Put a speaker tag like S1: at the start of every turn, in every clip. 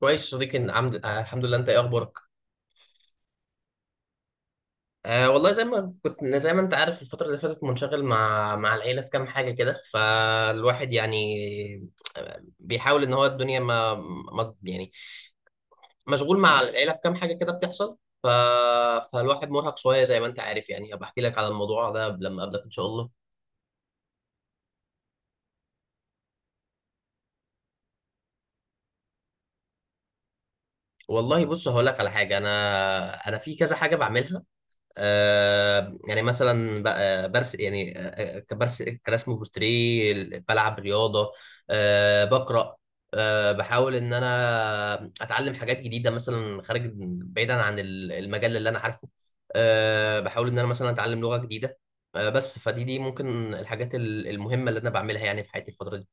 S1: كويس صديقي إن عمد... آه الحمد لله، انت ايه اخبارك؟ والله زي ما كنت، زي ما انت عارف الفتره اللي فاتت منشغل مع العيله في كام حاجه كده، فالواحد يعني بيحاول ان هو الدنيا ما, ما يعني مشغول مع العيله في كام حاجه كده بتحصل. ف... فالواحد مرهق شويه، زي ما انت عارف يعني، هبقى احكي لك على الموضوع ده لما اقابلك ان شاء الله. والله بص هقول لك على حاجه، انا في كذا حاجه بعملها. يعني مثلا بقى برس يعني آه، كبرس كرسم بورتريه، بلعب رياضه، بقرا، بحاول ان انا اتعلم حاجات جديده مثلا خارج، بعيدا عن المجال اللي انا عارفه. بحاول ان انا مثلا اتعلم لغه جديده. بس فدي ممكن الحاجات المهمه اللي انا بعملها يعني في حياتي الفتره دي.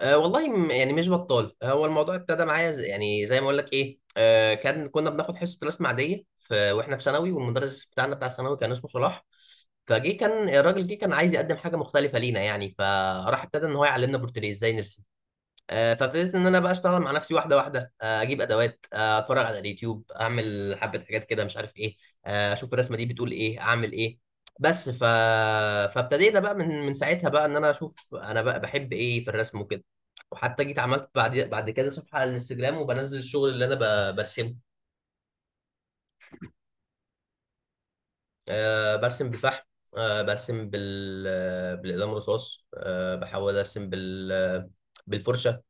S1: والله يعني مش بطال. هو الموضوع ابتدى معايا زي يعني زي ما اقول لك ايه، كان كنا بناخد حصه رسم عاديه في واحنا في ثانوي، والمدرس بتاعنا بتاع ثانوي كان اسمه صلاح. فجه كان الراجل، جه كان عايز يقدم حاجه مختلفه لينا يعني، فراح ابتدى ان هو يعلمنا بورتريه ازاي نرسم. فابتديت ان انا بقى اشتغل مع نفسي واحده واحده، اجيب ادوات، اتفرج على اليوتيوب، اعمل حبه حاجات كده مش عارف ايه، اشوف الرسمه دي بتقول ايه اعمل ايه. بس ف... فابتدينا بقى من ساعتها بقى ان انا اشوف انا بقى بحب ايه في الرسم وكده. وحتى جيت عملت بعد كده صفحه على الانستجرام وبنزل الشغل اللي انا برسمه. برسم بالفحم، آه، برسم بال... بالاقلام الرصاص، بحاول ارسم بالفرشه.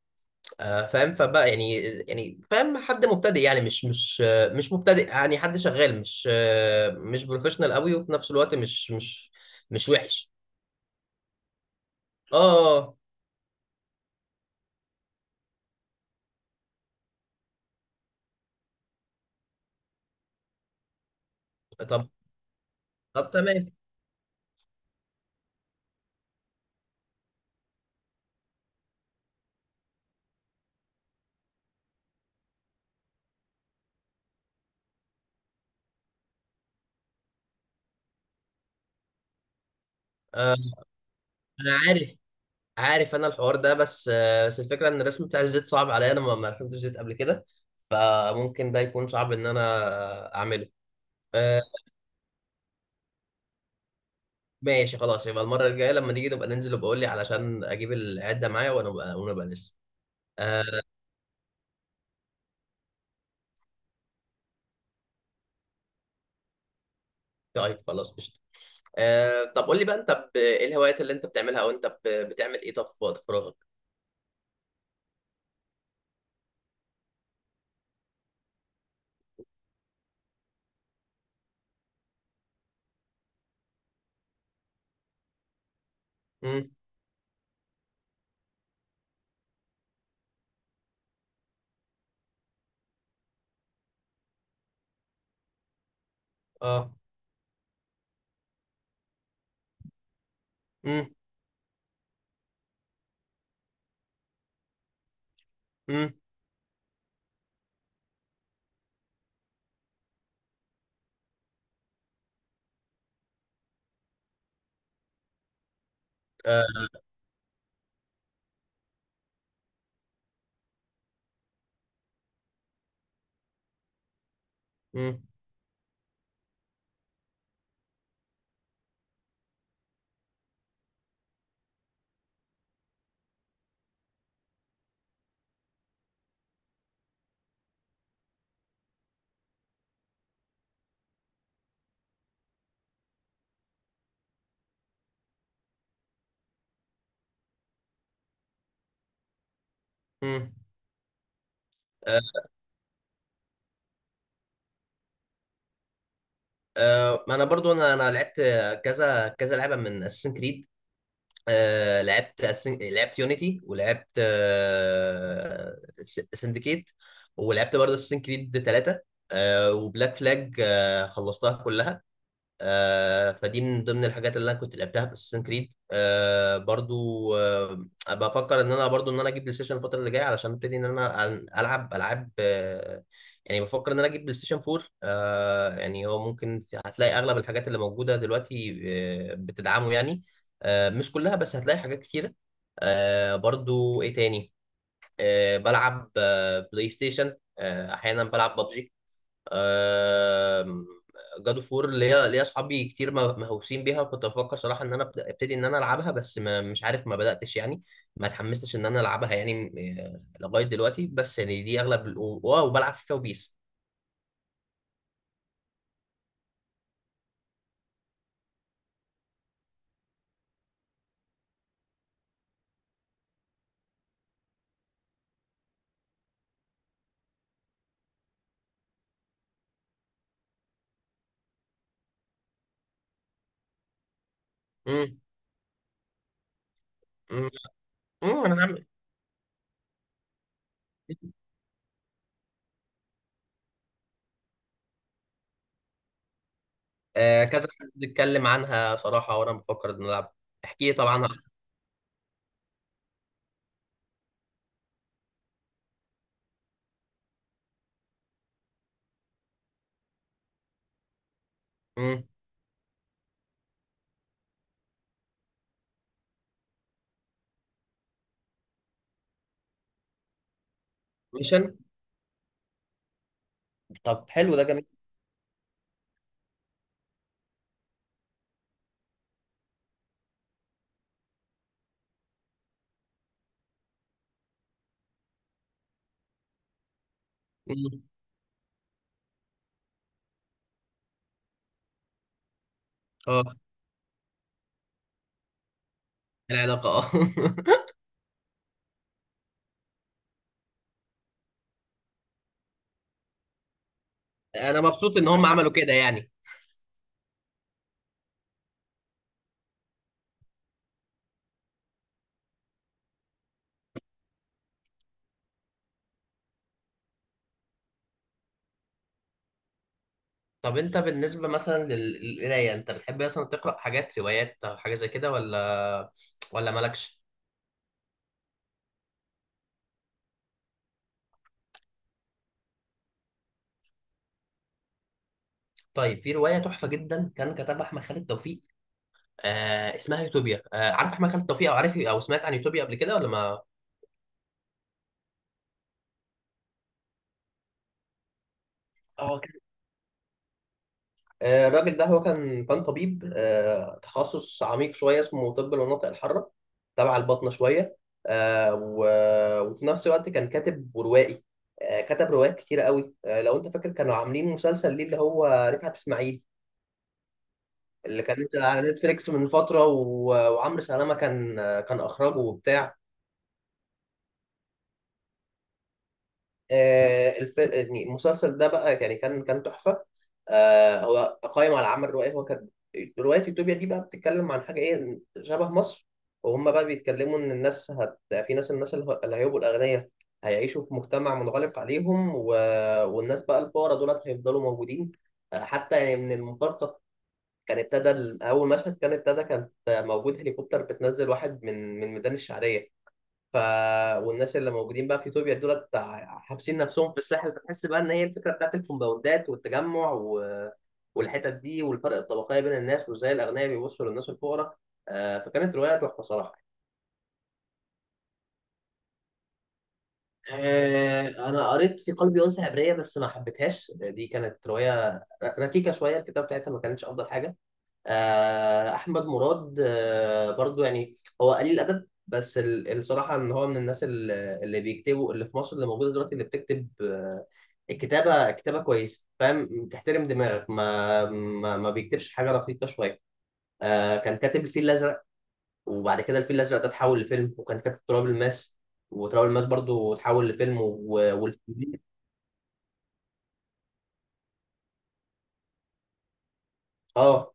S1: فاهم، فبقى يعني يعني فاهم حد مبتدئ يعني مش مبتدئ، يعني حد شغال مش مش بروفيشنال قوي، وفي نفس الوقت مش وحش. اه، طب، طب تمام. آه، انا عارف، عارف انا الحوار ده، بس الفكره ان الرسم بتاع الزيت صعب عليا، انا ما ما رسمتش زيت قبل كده. فممكن ده يكون صعب ان انا اعمله. آه، ماشي خلاص، يبقى المره الجايه لما نيجي نبقى ننزل وبقول لي علشان اجيب العده معايا ونبقى نرسم. آه، طيب خلاص قشطة. طب قول لي بقى انت، ايه الهوايات اللي انت بتعملها، او انت بتعمل ايه طب في وقت فراغك؟ امم. اه. امم. امم. آه. امم. امم. آه. ما انا برضو انا لعبت كذا كذا لعبة من اساسن كريد، لعبت لعبت يونيتي، ولعبت سندكيت، ولعبت برضه اساسن كريد 3، وبلاك فلاج، خلصتها كلها. فدي من ضمن الحاجات اللي انا كنت لعبتها في اساسن كريد. آه برضو آه بفكر ان انا برضو ان انا اجيب بلاي ستيشن الفتره اللي جايه علشان ابتدي ان انا العب العاب. يعني بفكر ان انا اجيب بلاي ستيشن 4. يعني هو ممكن هتلاقي اغلب الحاجات اللي موجوده دلوقتي بتدعمه يعني، مش كلها، بس هتلاقي حاجات كتيره. آه برضو ايه تاني؟ بلعب بلاي ستيشن، احيانا بلعب ببجي. جاد اوف وور، ليا اصحابي كتير مهووسين بيها، وكنت بفكر صراحه ان انا ابتدي ان انا العبها، بس ما مش عارف ما بداتش يعني، ما اتحمستش ان انا العبها يعني لغايه دلوقتي. بس يعني دي اغلب ال- و- واو وبلعب فيفا وبيس. امم. امم. انا عامل كذا حد اتكلم عنها صراحه، وانا بفكر ان أنا العب. احكي لي طبعا. امم. ميشن. طب حلو، ده جميل. أمم. اه. العلاقه اه. انا مبسوط ان هم عملوا كده يعني. طب انت بالنسبة مثلا للقراية، انت بتحب مثلا تقرأ حاجات روايات او حاجة زي كده، ولا مالكش؟ طيب في رواية تحفة جدا كان كتبها احمد خالد توفيق، اسمها يوتوبيا. عارف احمد خالد توفيق، او عارف او سمعت عن يوتوبيا قبل كده ولا ما؟ اه كان- الراجل ده، هو كان طبيب، تخصص عميق شوية اسمه طب المناطق الحارة، تبع الباطنة شوية. آه و... وفي نفس الوقت كان كاتب وروائي. كتب روايات كتيرة قوي. لو انت فاكر كانوا عاملين مسلسل ليه اللي هو رفعت اسماعيل، اللي كانت على نتفليكس من فترة وعمرو سلامة كان أخرجه وبتاع. يعني المسلسل ده بقى يعني كان تحفة. هو قائم على العمل الروائي، هو كان رواية يوتوبيا دي بقى بتتكلم عن حاجة إيه شبه مصر. وهم بقى بيتكلموا إن الناس هت... في ناس الناس اللي هيبقوا الأغنياء هيعيشوا في مجتمع منغلق عليهم والناس بقى الفقراء دولت هيفضلوا موجودين. حتى يعني من المفارقة، كان ابتدى ال- اول مشهد، كان ابتدى كانت موجود هليكوبتر بتنزل واحد من ميدان الشعريه. ف والناس اللي موجودين بقى في اثيوبيا دول حابسين نفسهم في الساحل، فتحس بقى ان هي الفكره بتاعت الكومباوندات والحتت دي والفرق الطبقيه بين الناس، وازاي الاغنياء بيبصوا للناس الفقراء. فكانت روايه تحفه صراحه. انا قريت في قلبي انثى عبريه، بس ما حبيتهاش، دي كانت روايه ركيكه شويه، الكتاب بتاعتها ما كانتش افضل حاجه. احمد مراد، برضو يعني هو قليل الادب، بس الصراحه ان هو من الناس اللي بيكتبوا اللي في مصر اللي موجوده دلوقتي اللي بتكتب الكتابه كتابه كويسه، فاهم، تحترم دماغك، ما بيكتبش حاجه رقيقه شويه. كان كاتب الفيل الازرق، وبعد كده الفيل الازرق ده اتحول لفيلم، وكان كاتب تراب الماس، وتراب الماس برضو اتحول لفيلم والفيل. اه.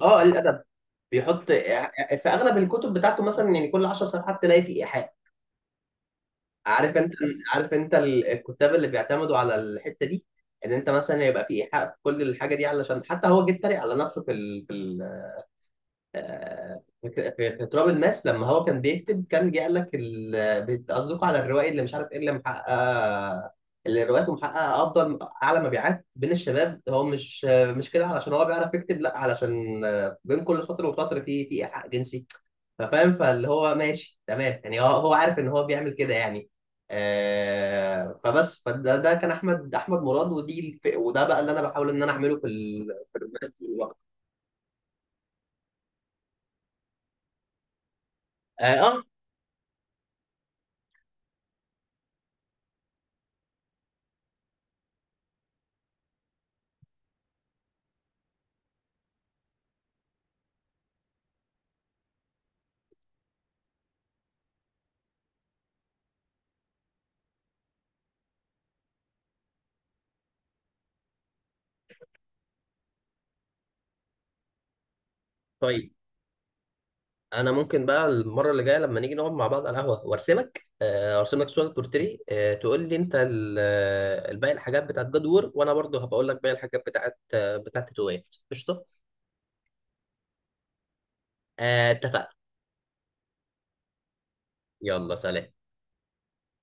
S1: اه قليل الادب بيحط في اغلب الكتب بتاعته مثلا، يعني كل 10 صفحات تلاقي فيه ايحاء. عارف انت، عارف انت الكتاب اللي بيعتمدوا على الحته دي، ان انت مثلا يبقى في ايحاء في كل الحاجه دي، علشان حتى هو جه اتريق على نفسه في ال... في ال... آه، في في- في تراب الماس، لما هو كان بيكتب كان جه قال لك بتقصدكوا على الروائي اللي مش عارف ايه، اللي محقق، اللي روايته محققه افضل اعلى مبيعات بين الشباب، هو مش كده علشان هو بيعرف يكتب، لا، علشان بين كل سطر وسطر في في ايحاء جنسي. فاهم، فاللي هو ماشي تمام يعني، هو عارف ان هو بيعمل كده يعني. آه فبس فده ده كان احمد مراد، ودي وده بقى اللي انا بحاول ان انا اعمله في في الرومانسي طول الوقت. اه. طيب انا ممكن بقى المره اللي جايه لما نيجي نقعد مع بعض على القهوه وارسمك، ارسم لك صوره بورتري. تقول لي انت الباقي، الحاجات بتاعت جدور، وانا برضو هبقول لك باقي الحاجات بتاعت تويت. قشطه. اتفقنا. يلا سلام.